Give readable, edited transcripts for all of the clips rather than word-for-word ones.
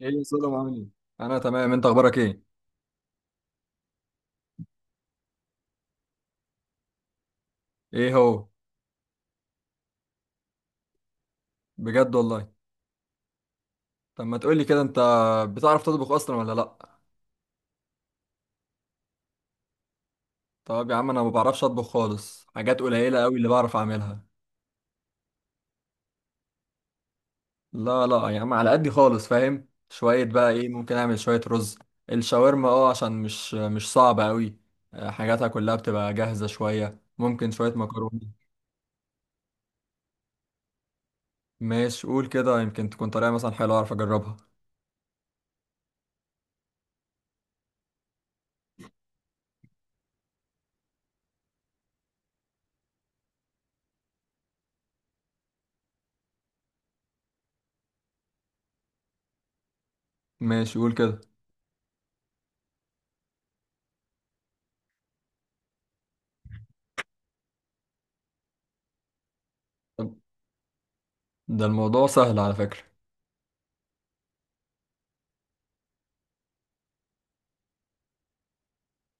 ايه يا سلام، عامل ايه؟ انا تمام. انت اخبارك ايه؟ ايه هو؟ بجد والله. طب ما تقولي كده، انت بتعرف تطبخ اصلا ولا لا؟ طب يا عم انا ما بعرفش اطبخ خالص، حاجات قليلة قوي اللي بعرف اعملها. لا لا يا عم، على قدي خالص، فاهم؟ شوية بقى، ايه ممكن اعمل؟ شوية رز، الشاورما، اه، عشان مش صعبة قوي. حاجاتها كلها بتبقى جاهزة، شوية ممكن شوية مكرونة. ماشي قول كده، يمكن تكون طريقة مثلا حلوة اعرف اجربها. ماشي قول كده. طب ده الموضوع سهل على فكرة.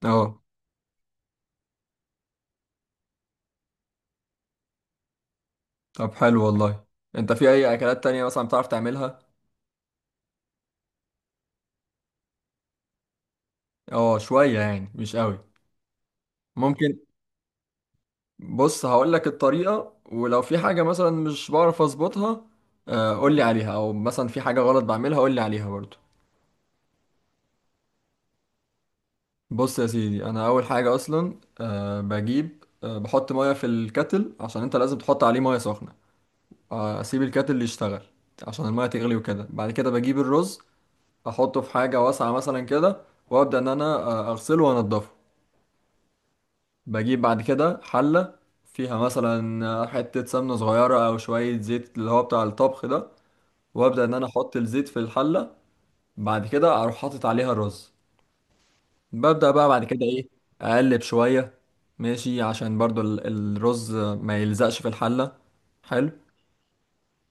اه. طب حلو والله، انت في اي اكلات تانية مثلا بتعرف تعملها؟ اه شوية، يعني مش قوي. ممكن. بص هقول لك الطريقة، ولو في حاجة مثلا مش بعرف اظبطها، قول لي عليها، او مثلا في حاجة غلط بعملها قول لي عليها برضو. بص يا سيدي، انا اول حاجة اصلا بجيب، بحط مية في الكتل، عشان انت لازم تحط عليه مية سخنة. اسيب الكتل يشتغل عشان المية تغلي، وكده بعد كده بجيب الرز، احطه في حاجة واسعة مثلا كده، وابدا ان انا اغسله وانضفه. بجيب بعد كده حلة فيها مثلا حتة سمنة صغيرة أو شوية زيت اللي هو بتاع الطبخ ده، وأبدأ إن أنا أحط الزيت في الحلة. بعد كده أروح حاطط عليها الرز، ببدأ بقى بعد كده إيه، أقلب شوية، ماشي، عشان برضو الرز ما يلزقش في الحلة. حلو.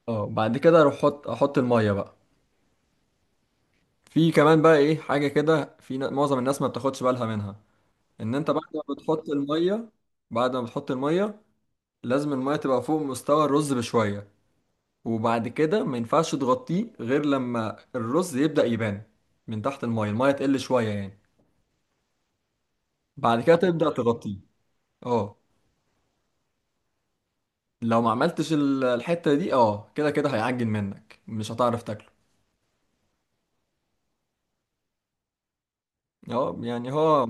اه بعد كده أروح أحط المية بقى. في كمان بقى إيه حاجة كده في، معظم الناس ما بتاخدش بالها منها، إن أنت بعد ما بتحط المية، بعد ما بتحط المية لازم المية تبقى فوق مستوى الرز بشوية. وبعد كده ما ينفعش تغطيه غير لما الرز يبدأ يبان من تحت المايه، المايه تقل شوية يعني، بعد كده تبدأ تغطيه. اه. لو ما عملتش الحتة دي، اه كده كده هيعجن منك، مش هتعرف تاكله. اه يعني هو.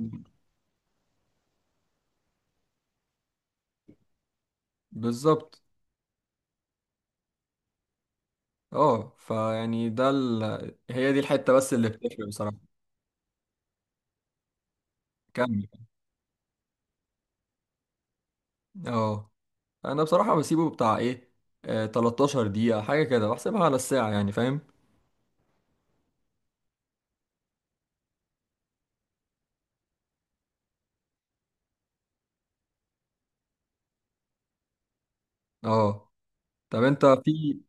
بالظبط. اه فيعني ده هي دي الحتة بس اللي بتفرق بصراحة. كمل. اه. انا بصراحة بسيبه بتاع ايه، 13 دقيقة حاجة كده، بحسبها على الساعة، يعني فاهم. اه. طب انت في،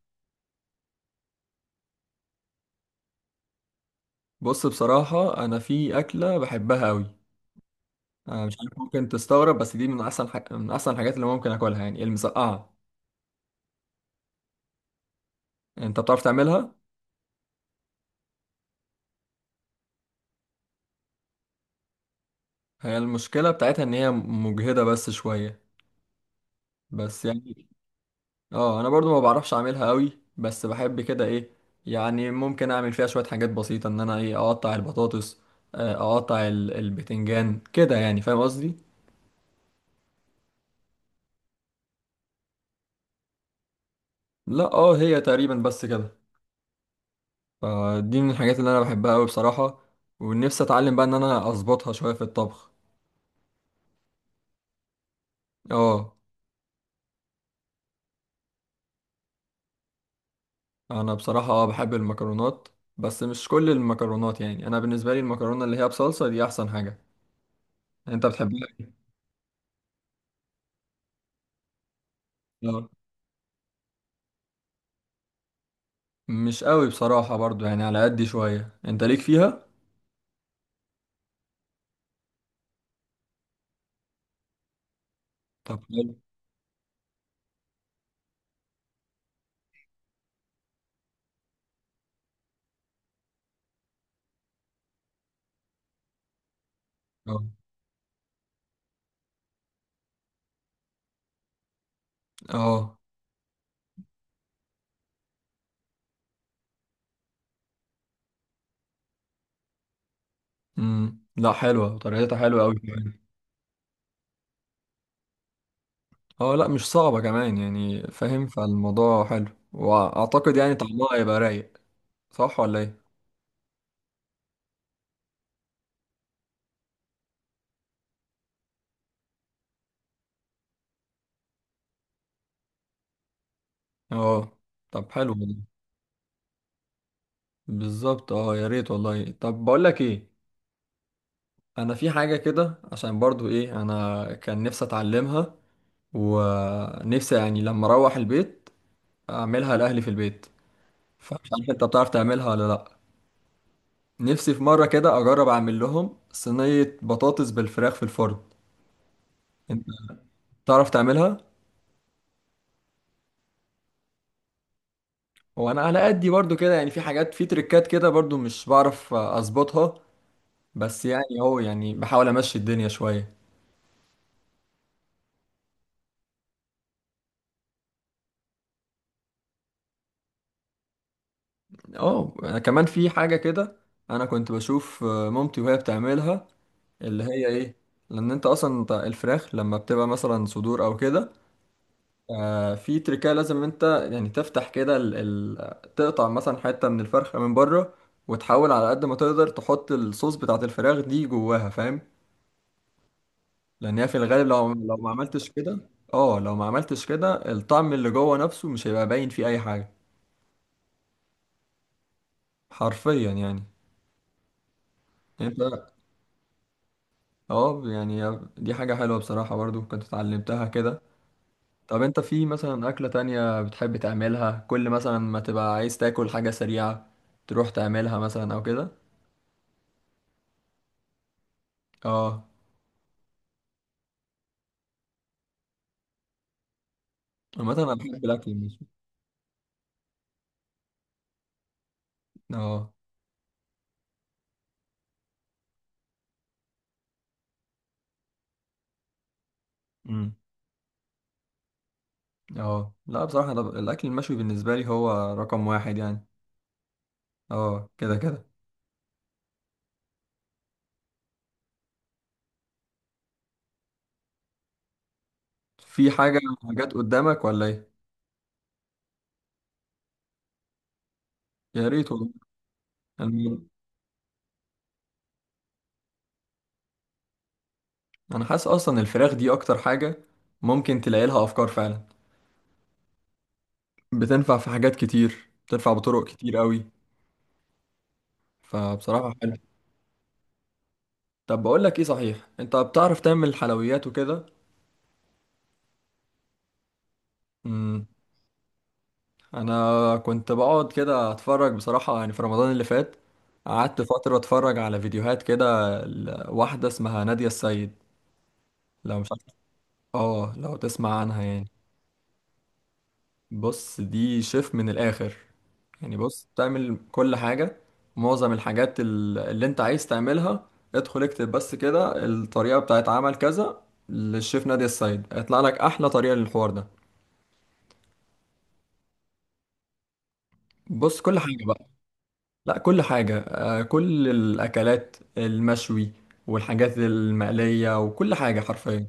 بص بصراحة أنا في أكلة بحبها أوي. أنا مش عارف ممكن تستغرب، بس دي من أحسن حاجة، من أحسن الحاجات اللي ممكن أكلها، يعني المسقعة. أنت بتعرف تعملها؟ هي المشكلة بتاعتها إن هي مجهدة بس شوية، بس يعني. أنا برضو ما بعرفش أعملها أوي، بس بحب كده إيه، يعني ممكن أعمل فيها شوية حاجات بسيطة، إن أنا إيه أقطع البطاطس، أقطع البتنجان كده، يعني فاهم قصدي؟ لا هي تقريبا بس كده. فدي من الحاجات اللي انا بحبها قوي بصراحة، ونفسي اتعلم بقى ان انا اظبطها شوية في الطبخ. اه. انا بصراحة بحب المكرونات، بس مش كل المكرونات. يعني انا بالنسبة لي المكرونة اللي هي بصلصة دي احسن حاجة. انت بتحبها؟ اه مش قوي بصراحة، برضو يعني على قد شوية انت ليك فيها. طب حلو. اه، اه. لا حلوة، طريقتها حلوة قوي كمان. اه لا مش صعبة كمان، يعني فاهم، فالموضوع حلو، واعتقد يعني طعمها هيبقى رايق. صح ولا ايه؟ اه. طب حلو والله. بالظبط، اه يا ريت والله. طب بقول لك ايه، انا في حاجه كده عشان برضو ايه انا كان نفسي اتعلمها، ونفسي يعني لما اروح البيت اعملها لاهلي في البيت، فمش عارف انت بتعرف تعملها ولا لا. نفسي في مره كده اجرب اعمل لهم صينيه بطاطس بالفراخ في الفرن. انت بتعرف تعملها؟ وانا على قدي برضو كده، يعني في حاجات في تريكات كده برضو مش بعرف اظبطها، بس يعني هو يعني بحاول امشي الدنيا شويه. اه. أنا كمان في حاجة كده، انا كنت بشوف مامتي وهي بتعملها، اللي هي ايه، لان انت اصلا، انت الفراخ لما بتبقى مثلا صدور او كده، في تركية لازم انت يعني تفتح كده تقطع مثلا حتة من الفرخة من بره، وتحاول على قد ما تقدر تحط الصوص بتاعت الفراخ دي جواها، فاهم؟ لان هي في الغالب، لو ما عملتش كده، اه لو ما عملتش كده الطعم اللي جوه نفسه مش هيبقى باين فيه اي حاجة. حرفيا يعني. انت. اه يعني دي حاجة حلوة بصراحة، برضو كنت اتعلمتها كده. طب انت في مثلا أكلة تانية بتحب تعملها، كل مثلا ما تبقى عايز تاكل حاجة سريعة تروح تعملها مثلا أو كده. اه. عامة أنا بحب الأكل المشوي. اه. امم. اه. لا بصراحة أنا الأكل المشوي بالنسبة لي هو رقم واحد يعني. اه كده كده. في حاجة، حاجات قدامك ولا ايه؟ يا ريت والله. أنا أنا حاسس أصلا الفراخ دي أكتر حاجة ممكن تلاقي لها أفكار فعلا، بتنفع في حاجات كتير، بتنفع بطرق كتير قوي. فبصراحة حلو. طب بقول لك ايه، صحيح انت بتعرف تعمل حلويات وكده؟ امم انا كنت بقعد كده اتفرج بصراحة، يعني في رمضان اللي فات قعدت فترة اتفرج على فيديوهات كده واحدة اسمها نادية السيد، لو مش عارف. اه لو تسمع عنها يعني. بص دي شيف من الآخر، يعني بص تعمل كل حاجة. معظم الحاجات اللي انت عايز تعملها، ادخل اكتب بس كده الطريقة بتاعت عمل كذا للشيف نادية السيد، هيطلع لك أحلى طريقة للحوار ده. بص كل حاجة بقى. لا كل حاجة، كل الأكلات المشوي والحاجات المقلية وكل حاجة حرفيا.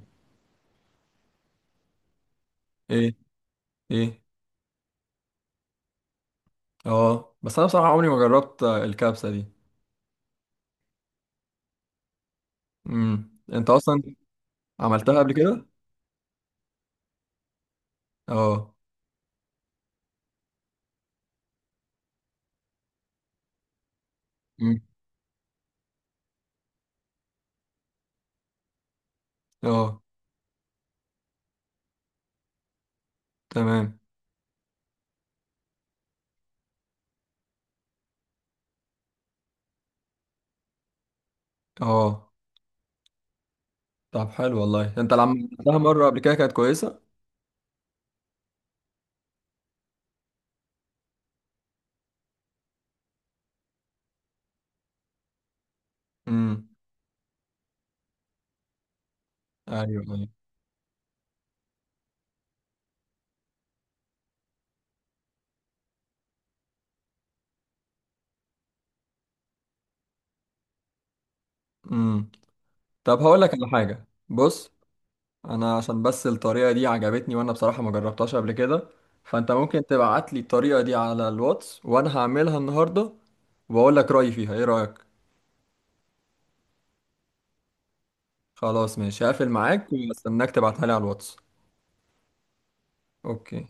ايه؟ ايه؟ اه بس أنا بصراحة عمري ما جربت الكبسة دي. انت أصلا عملتها قبل كده؟ اه. مم. اه. تمام. اه طب حلو والله، انت لما عملتها مره قبل كده كانت كويسه؟ امم. ايوه، ايوه. امم. طب هقول لك على حاجه، بص انا عشان بس الطريقه دي عجبتني، وانا بصراحه ما جربتهاش قبل كده، فانت ممكن تبعت لي الطريقه دي على الواتس، وانا هعملها النهارده واقول لك رايي فيها، ايه رايك؟ خلاص ماشي، هقفل معاك واستناك تبعتها لي على الواتس. اوكي.